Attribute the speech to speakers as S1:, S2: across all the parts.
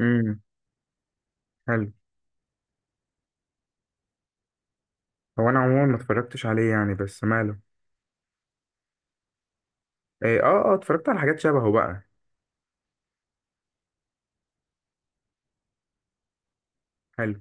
S1: امم. حلو. هو انا عموما ما اتفرجتش عليه يعني بس ماله. إيه، اه اه اتفرجت على حاجات شبهه بقى. حلو.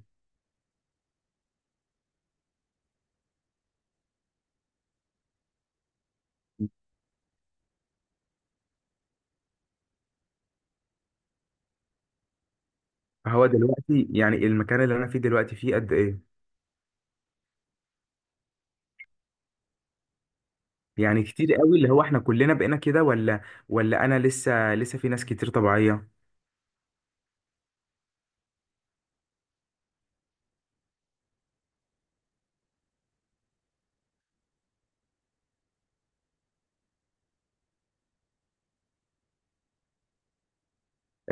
S1: هو دلوقتي يعني المكان اللي انا فيه دلوقتي فيه قد ايه؟ يعني كتير قوي اللي هو احنا كلنا بقينا كده ولا انا لسه في ناس كتير طبيعية؟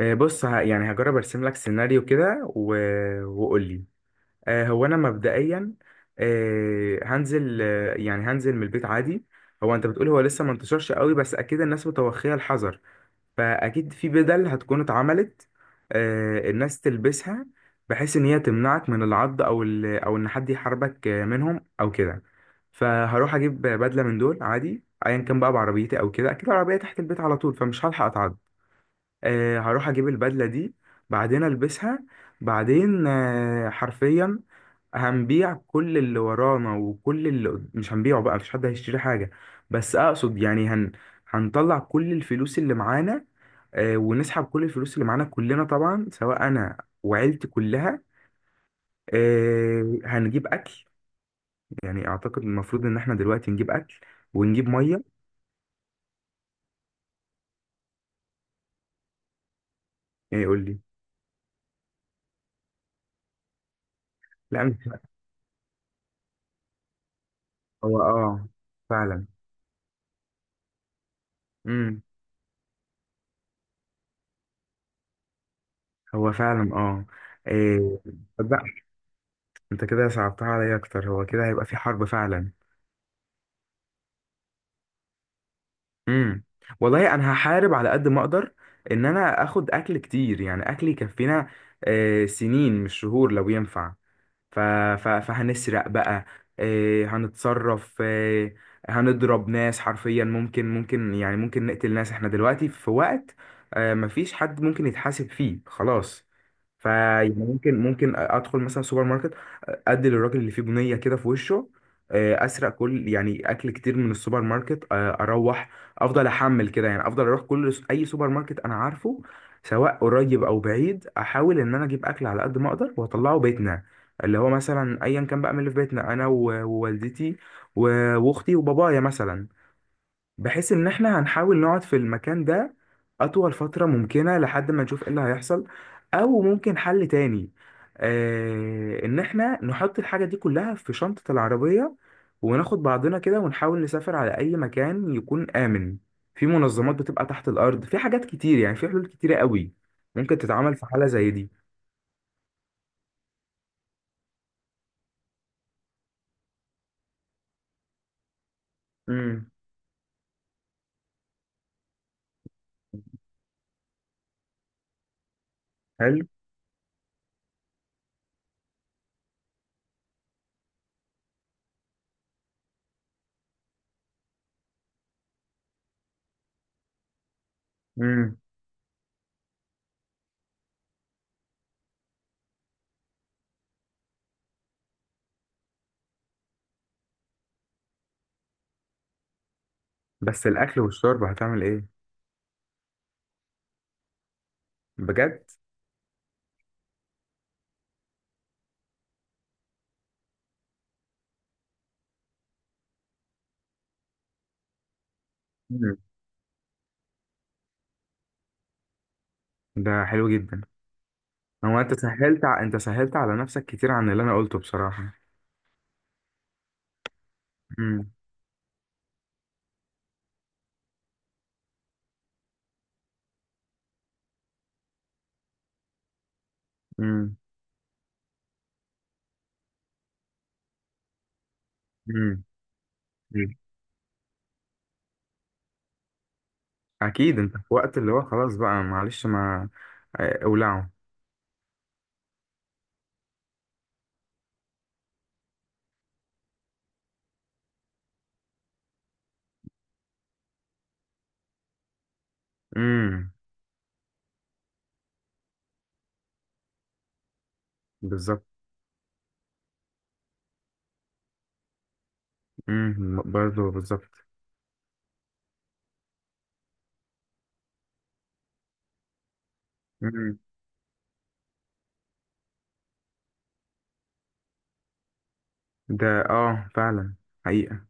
S1: إيه، بص يعني هجرب ارسم لك سيناريو كده وقول لي. هو انا مبدئيا. هنزل آه، يعني هنزل من البيت عادي. هو انت بتقول هو لسه ما انتشرش قوي، بس اكيد الناس متوخية الحذر، فاكيد في بدل هتكون اتعملت. الناس تلبسها بحيث ان هي تمنعك من العض او او ان حد يحاربك منهم او كده. فهروح اجيب بدله من دول عادي، ايا كان بقى، بعربيتي او كده، اكيد العربيه تحت البيت على طول فمش هلحق اتعض. هروح اجيب البدله دي بعدين البسها. بعدين حرفيا هنبيع كل اللي ورانا وكل اللي مش هنبيعه بقى، مفيش حد هيشتري حاجه، بس اقصد يعني هنطلع كل الفلوس اللي معانا. ونسحب كل الفلوس اللي معانا كلنا طبعا، سواء انا وعيلتي كلها. هنجيب اكل، يعني اعتقد المفروض ان احنا دلوقتي نجيب اكل ونجيب ميه. يعني يقول لي. لا، مش. هو اه، فعلا. امم. هو فعلا اه. آه. لا. انت كده صعبتها عليا اكتر، هو كده هيبقى في حرب فعلا. امم. والله انا هحارب على قد ما اقدر ان انا اخد اكل كتير، يعني اكل يكفينا سنين مش شهور لو ينفع. ف... فهنسرق بقى. هنتصرف. هنضرب ناس حرفيا، ممكن يعني ممكن نقتل ناس. احنا دلوقتي في وقت مفيش حد ممكن يتحاسب فيه خلاص. فيعني ممكن ادخل مثلا سوبر ماركت، ادي للراجل اللي فيه بنيه كده في وشه اسرق كل يعني اكل كتير من السوبر ماركت. اروح افضل احمل كده، يعني افضل اروح كل اي سوبر ماركت انا عارفه، سواء قريب او بعيد، احاول ان انا اجيب اكل على قد ما اقدر واطلعه بيتنا اللي هو مثلا ايا كان بقى من اللي في بيتنا، انا ووالدتي واختي وبابايا مثلا، بحيث ان احنا هنحاول نقعد في المكان ده اطول فترة ممكنة لحد ما نشوف ايه اللي هيحصل. او ممكن حل تاني، آه، ان احنا نحط الحاجة دي كلها في شنطة العربية وناخد بعضنا كده ونحاول نسافر على اي مكان يكون امن. في منظمات بتبقى تحت الارض، في حاجات كتير، يعني في حلول كتيرة قوي ممكن تتعمل في حالة زي دي. امم. حلو. امم. بس الاكل والشرب هتعمل ايه؟ بجد؟ مم. ده حلو جدا. هو انت انت سهلت على نفسك كتير عن اللي انا قلته بصراحة. امم. امم. امم. اكيد انت في وقت اللي هو خلاص بقى، معلش ما اولعه. امم. بالظبط. امم. برضه بالظبط. امم. ده اه فعلا. حقيقة.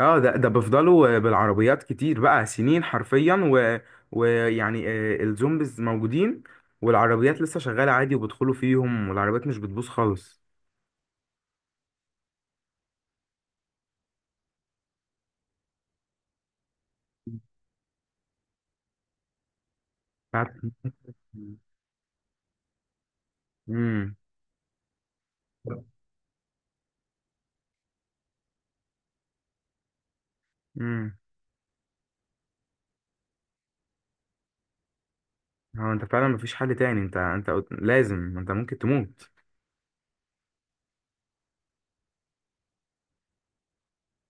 S1: اه، ده بيفضلوا بالعربيات كتير بقى سنين حرفيا ويعني الزومبيز موجودين والعربيات لسه شغالة عادي وبيدخلوا فيهم والعربيات مش بتبوظ خالص. بتاعت- امم. امم. هو انت فعلا مفيش حل تاني. انت لازم انت ممكن تموت.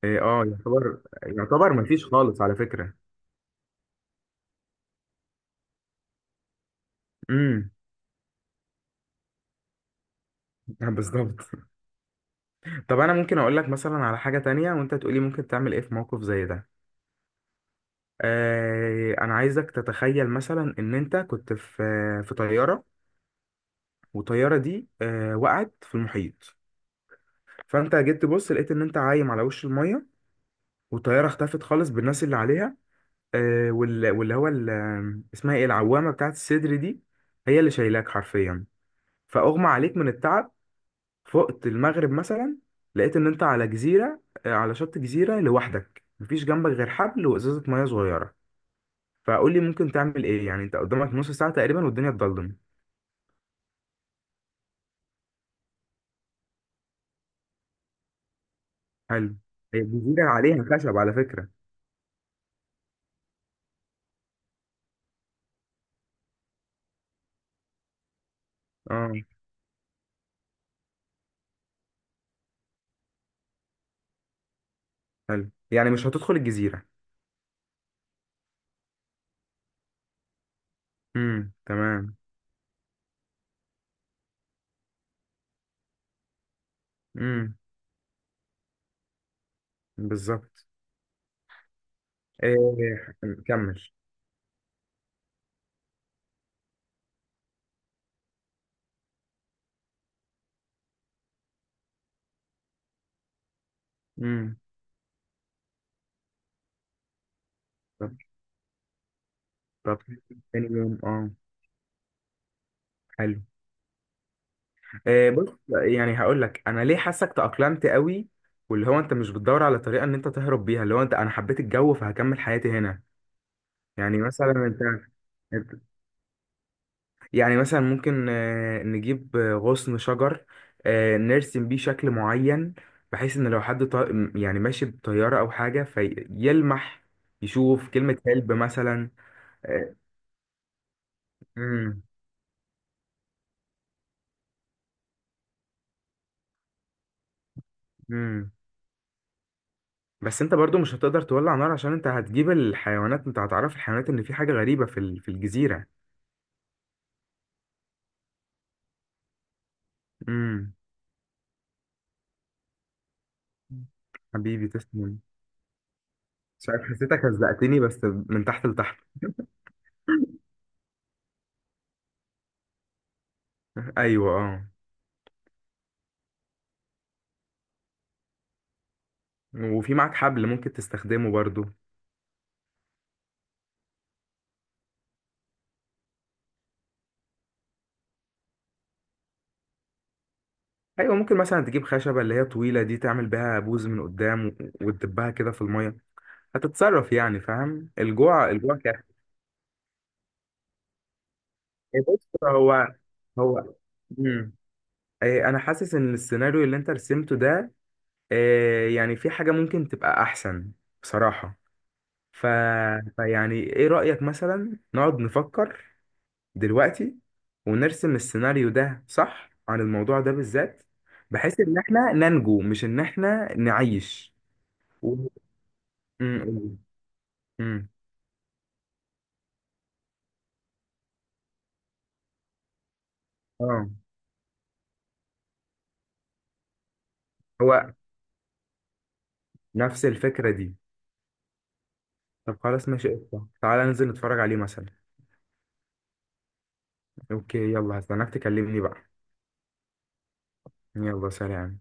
S1: ايه، اه، يعتبر مفيش خالص على فكرة. امم. بالظبط. طب انا ممكن اقول لك مثلا على حاجة تانية وانت تقولي ممكن تعمل ايه في موقف زي ده؟ آه، انا عايزك تتخيل مثلا ان انت كنت في طيارة، والطيارة دي آه وقعت في المحيط. فانت جيت تبص لقيت ان انت عايم على وش المية والطيارة اختفت خالص بالناس اللي عليها. واللي هو اسمها ايه العوامة بتاعت الصدر دي، هي اللي شايلاك حرفيا. فأغمى عليك من التعب، فقت المغرب مثلا، لقيت ان انت على جزيرة، على شط جزيرة لوحدك، مفيش جنبك غير حبل وإزازة مية صغيرة. فقول لي ممكن تعمل ايه، يعني انت قدامك نص ساعة تقريبا والدنيا اتضلم. حلو. هي الجزيرة عليها خشب على فكرة. اه. حلو، يعني مش هتدخل الجزيرة؟ امم، تمام. امم. بالظبط. إيه. كمل. امم. طب. تاني يوم اه. حلو. آه، بص، يعني هقول لك انا ليه حاسك تأقلمت قوي واللي هو انت مش بتدور على طريقه ان انت تهرب بيها، اللي هو انت، انا حبيت الجو فهكمل حياتي هنا. يعني مثلا انت، انت- يعني مثلا ممكن نجيب غصن شجر نرسم بيه شكل معين بحيث ان لو حد يعني ماشي بطياره او حاجه فيلمح، يشوف كلمه هلب مثلا. امم. بس انت برضو مش هتقدر تولع نار عشان انت هتجيب الحيوانات، انت هتعرف الحيوانات ان في حاجة غريبة في في الجزيرة. امم. حبيبي تسلم. مش عارف حسيتك هزقتني بس من تحت لتحت. ايوه اه. وفي معاك حبل ممكن تستخدمه برضو. ايوه، ممكن مثلا تجيب خشبة اللي هي طويلة دي تعمل بيها بوز من قدام وتدبها كده في المية. هتتصرف، يعني فاهم، الجوع الجوع كده. بص، هو امم. إيه، انا حاسس ان السيناريو اللي انت رسمته ده يعني في حاجة ممكن تبقى أحسن بصراحة. ف... فيعني إيه رأيك مثلا نقعد نفكر دلوقتي ونرسم السيناريو ده صح عن الموضوع ده بالذات، بحيث إن إحنا ننجو مش إن إحنا نعيش. و... م- م- م. آه. هو نفس الفكرة دي. طب خلاص ماشي قشطة، تعالى ننزل نتفرج عليه مثلا. أوكي، يلا هستناك تكلمني بقى. يلا، سلام.